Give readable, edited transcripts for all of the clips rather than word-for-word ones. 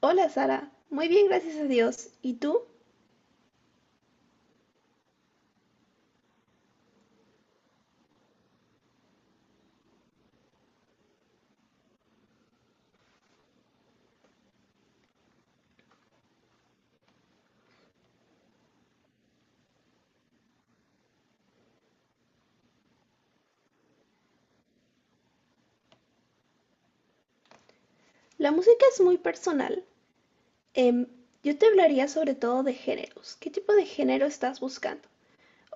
Hola Sara, muy bien, gracias a Dios. ¿Y tú? La música es muy personal. Em, yo te hablaría sobre todo de géneros. ¿Qué tipo de género estás buscando?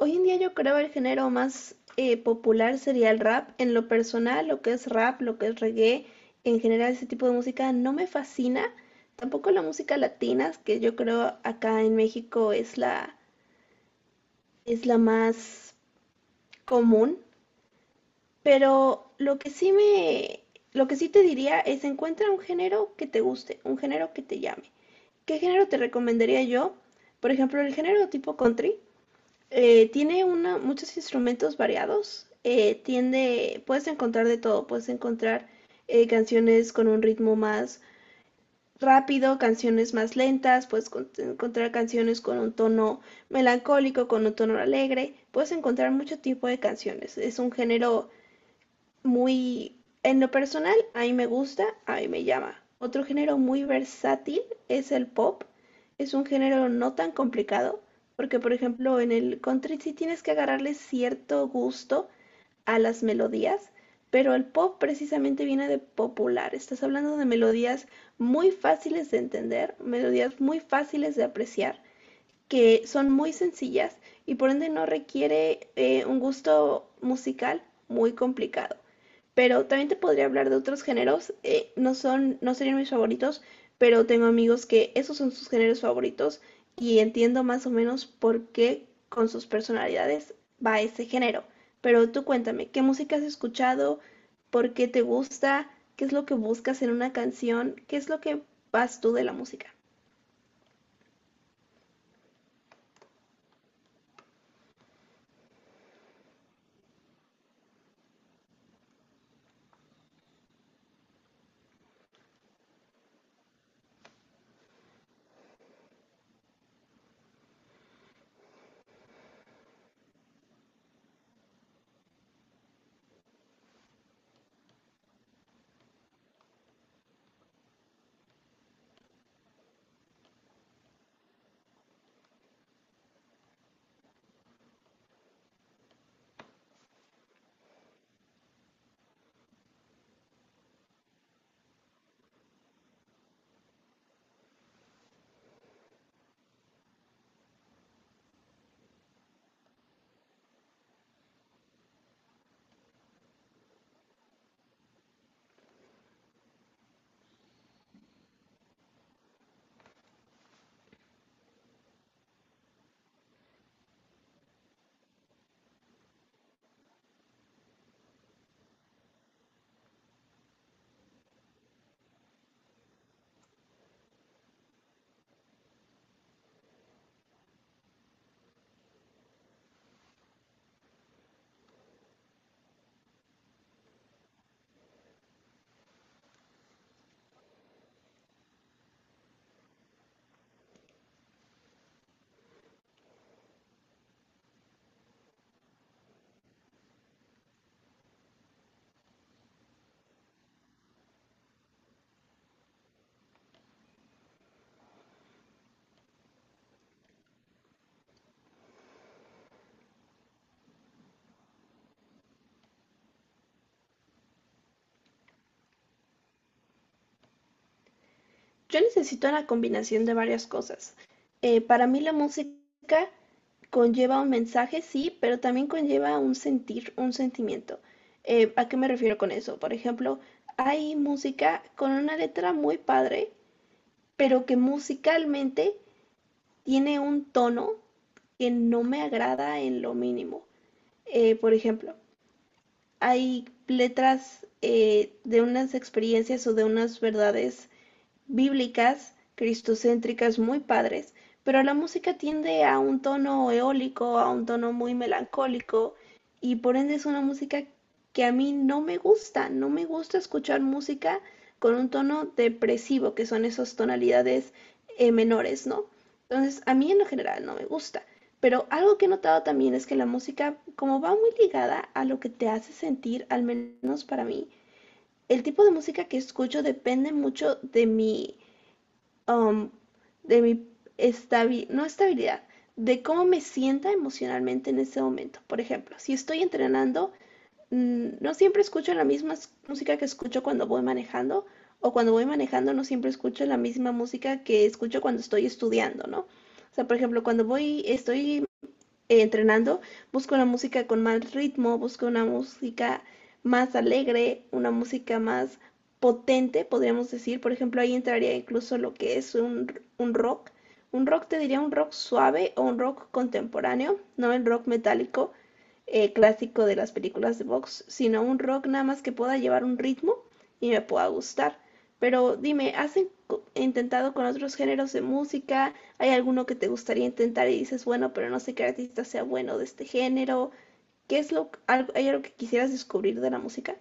Hoy en día yo creo el género más popular sería el rap. En lo personal, lo que es rap, lo que es reggae, en general ese tipo de música no me fascina. Tampoco la música latina, que yo creo acá en México es la más común. Pero lo que sí te diría es encuentra un género que te guste, un género que te llame. ¿Qué género te recomendaría yo? Por ejemplo, el género tipo country tiene muchos instrumentos variados. Tiende, puedes encontrar de todo. Puedes encontrar canciones con un ritmo más rápido, canciones más lentas. Encontrar canciones con un tono melancólico, con un tono alegre. Puedes encontrar mucho tipo de canciones. Es un género muy, en lo personal, a mí me gusta, a mí me llama. Otro género muy versátil es el pop. Es un género no tan complicado, porque por ejemplo en el country sí tienes que agarrarle cierto gusto a las melodías, pero el pop precisamente viene de popular. Estás hablando de melodías muy fáciles de entender, melodías muy fáciles de apreciar que son muy sencillas y por ende no requiere un gusto musical muy complicado. Pero también te podría hablar de otros géneros, no serían mis favoritos, pero tengo amigos que esos son sus géneros favoritos y entiendo más o menos por qué con sus personalidades va ese género. Pero tú cuéntame, ¿qué música has escuchado? ¿Por qué te gusta? ¿Qué es lo que buscas en una canción? ¿Qué es lo que vas tú de la música? Yo necesito una combinación de varias cosas. Para mí la música conlleva un mensaje, sí, pero también conlleva un sentir, un sentimiento. ¿A qué me refiero con eso? Por ejemplo, hay música con una letra muy padre, pero que musicalmente tiene un tono que no me agrada en lo mínimo. Por ejemplo, hay letras de unas experiencias o de unas verdades bíblicas, cristocéntricas muy padres, pero la música tiende a un tono eólico, a un tono muy melancólico y por ende es una música que a mí no me gusta, no me gusta escuchar música con un tono depresivo, que son esas tonalidades menores, ¿no? Entonces, a mí en lo general no me gusta, pero algo que he notado también es que la música, como va muy ligada a lo que te hace sentir, al menos para mí, el tipo de música que escucho depende mucho de mi um, de mi no estabilidad, de cómo me sienta emocionalmente en ese momento. Por ejemplo, si estoy entrenando, no siempre escucho la misma música que escucho cuando voy manejando, o cuando voy manejando no siempre escucho la misma música que escucho cuando estoy estudiando, ¿no? O sea, por ejemplo, estoy entrenando, busco una música con más ritmo, busco una música más alegre, una música más potente, podríamos decir. Por ejemplo, ahí entraría incluso lo que es un rock. Un rock te diría un rock suave o un rock contemporáneo, no el rock metálico clásico de las películas de box, sino un rock nada más que pueda llevar un ritmo y me pueda gustar. Pero dime, intentado con otros géneros de música? ¿Hay alguno que te gustaría intentar y dices, bueno, pero no sé qué artista sea bueno de este género? ¿Qué es hay algo que quisieras descubrir de la música?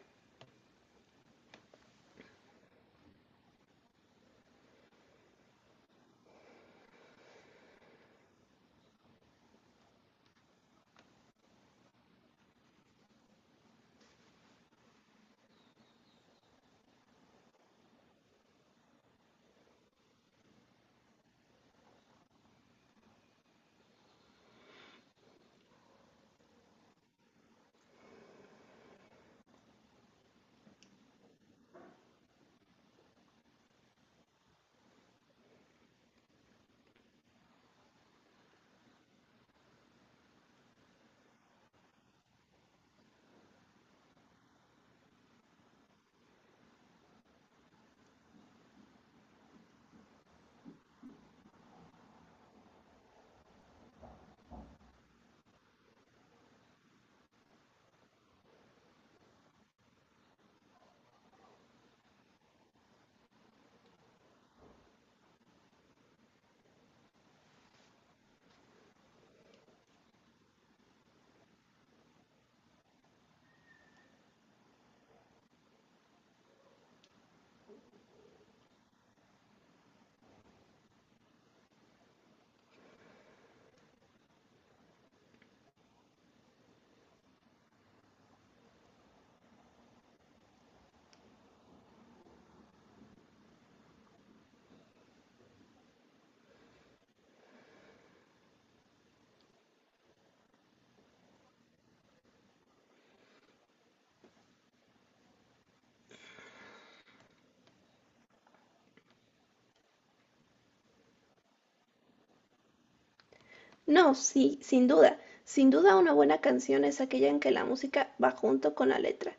No, sí, sin duda. Sin duda una buena canción es aquella en que la música va junto con la letra.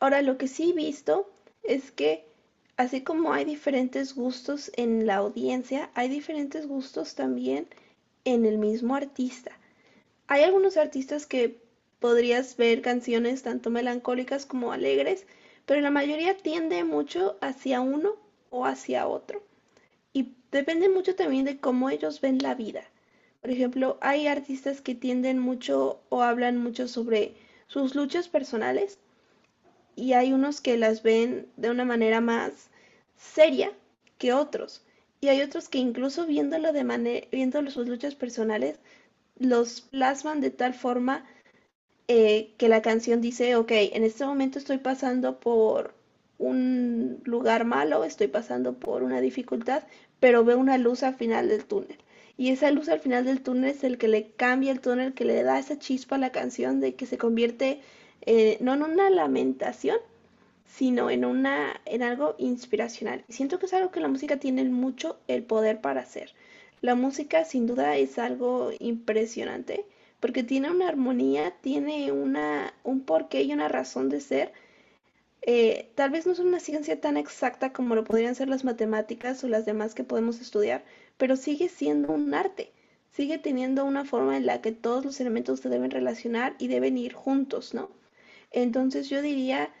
Ahora, lo que sí he visto es que así como hay diferentes gustos en la audiencia, hay diferentes gustos también en el mismo artista. Hay algunos artistas que podrías ver canciones tanto melancólicas como alegres, pero la mayoría tiende mucho hacia uno o hacia otro. Y depende mucho también de cómo ellos ven la vida. Por ejemplo, hay artistas que tienden mucho o hablan mucho sobre sus luchas personales y hay unos que las ven de una manera más seria que otros. Y hay otros que incluso viendo sus luchas personales, los plasman de tal forma que la canción dice, ok, en este momento estoy pasando por un lugar malo, estoy pasando por una dificultad, pero veo una luz al final del túnel. Y esa luz al final del túnel es el que le cambia el túnel, que le da esa chispa a la canción de que se convierte, no en una lamentación, sino en una, en algo inspiracional. Siento que es algo que la música tiene mucho el poder para hacer. La música sin duda es algo impresionante porque tiene una armonía, tiene una un porqué y una razón de ser. Tal vez no es una ciencia tan exacta como lo podrían ser las matemáticas o las demás que podemos estudiar, pero sigue siendo un arte, sigue teniendo una forma en la que todos los elementos se deben relacionar y deben ir juntos, ¿no? Entonces yo diría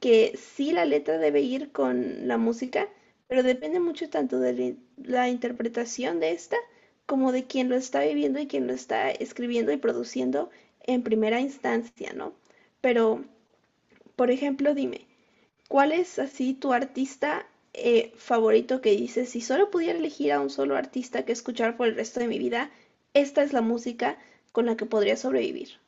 que sí, la letra debe ir con la música, pero depende mucho tanto de la interpretación de esta como de quien lo está viviendo y quien lo está escribiendo y produciendo en primera instancia, ¿no? Pero, por ejemplo, dime, ¿cuál es así tu artista favorito que dices, si solo pudiera elegir a un solo artista que escuchar por el resto de mi vida, esta es la música con la que podría sobrevivir?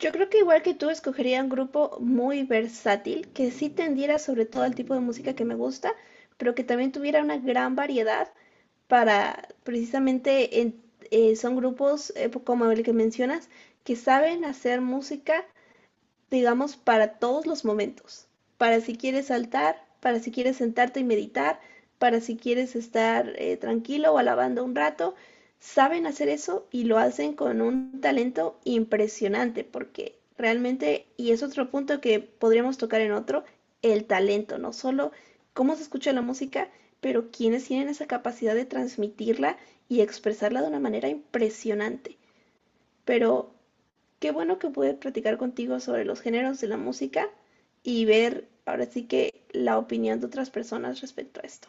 Yo creo que igual que tú escogería un grupo muy versátil, que sí tendiera sobre todo al tipo de música que me gusta, pero que también tuviera una gran variedad para precisamente son grupos como el que mencionas que saben hacer música, digamos, para todos los momentos. Para si quieres saltar, para si quieres sentarte y meditar, para si quieres estar tranquilo o alabando un rato. Saben hacer eso y lo hacen con un talento impresionante porque realmente, y es otro punto que podríamos tocar en otro, el talento, no solo cómo se escucha la música, pero quienes tienen esa capacidad de transmitirla y expresarla de una manera impresionante. Pero qué bueno que pude platicar contigo sobre los géneros de la música y ver ahora sí que la opinión de otras personas respecto a esto.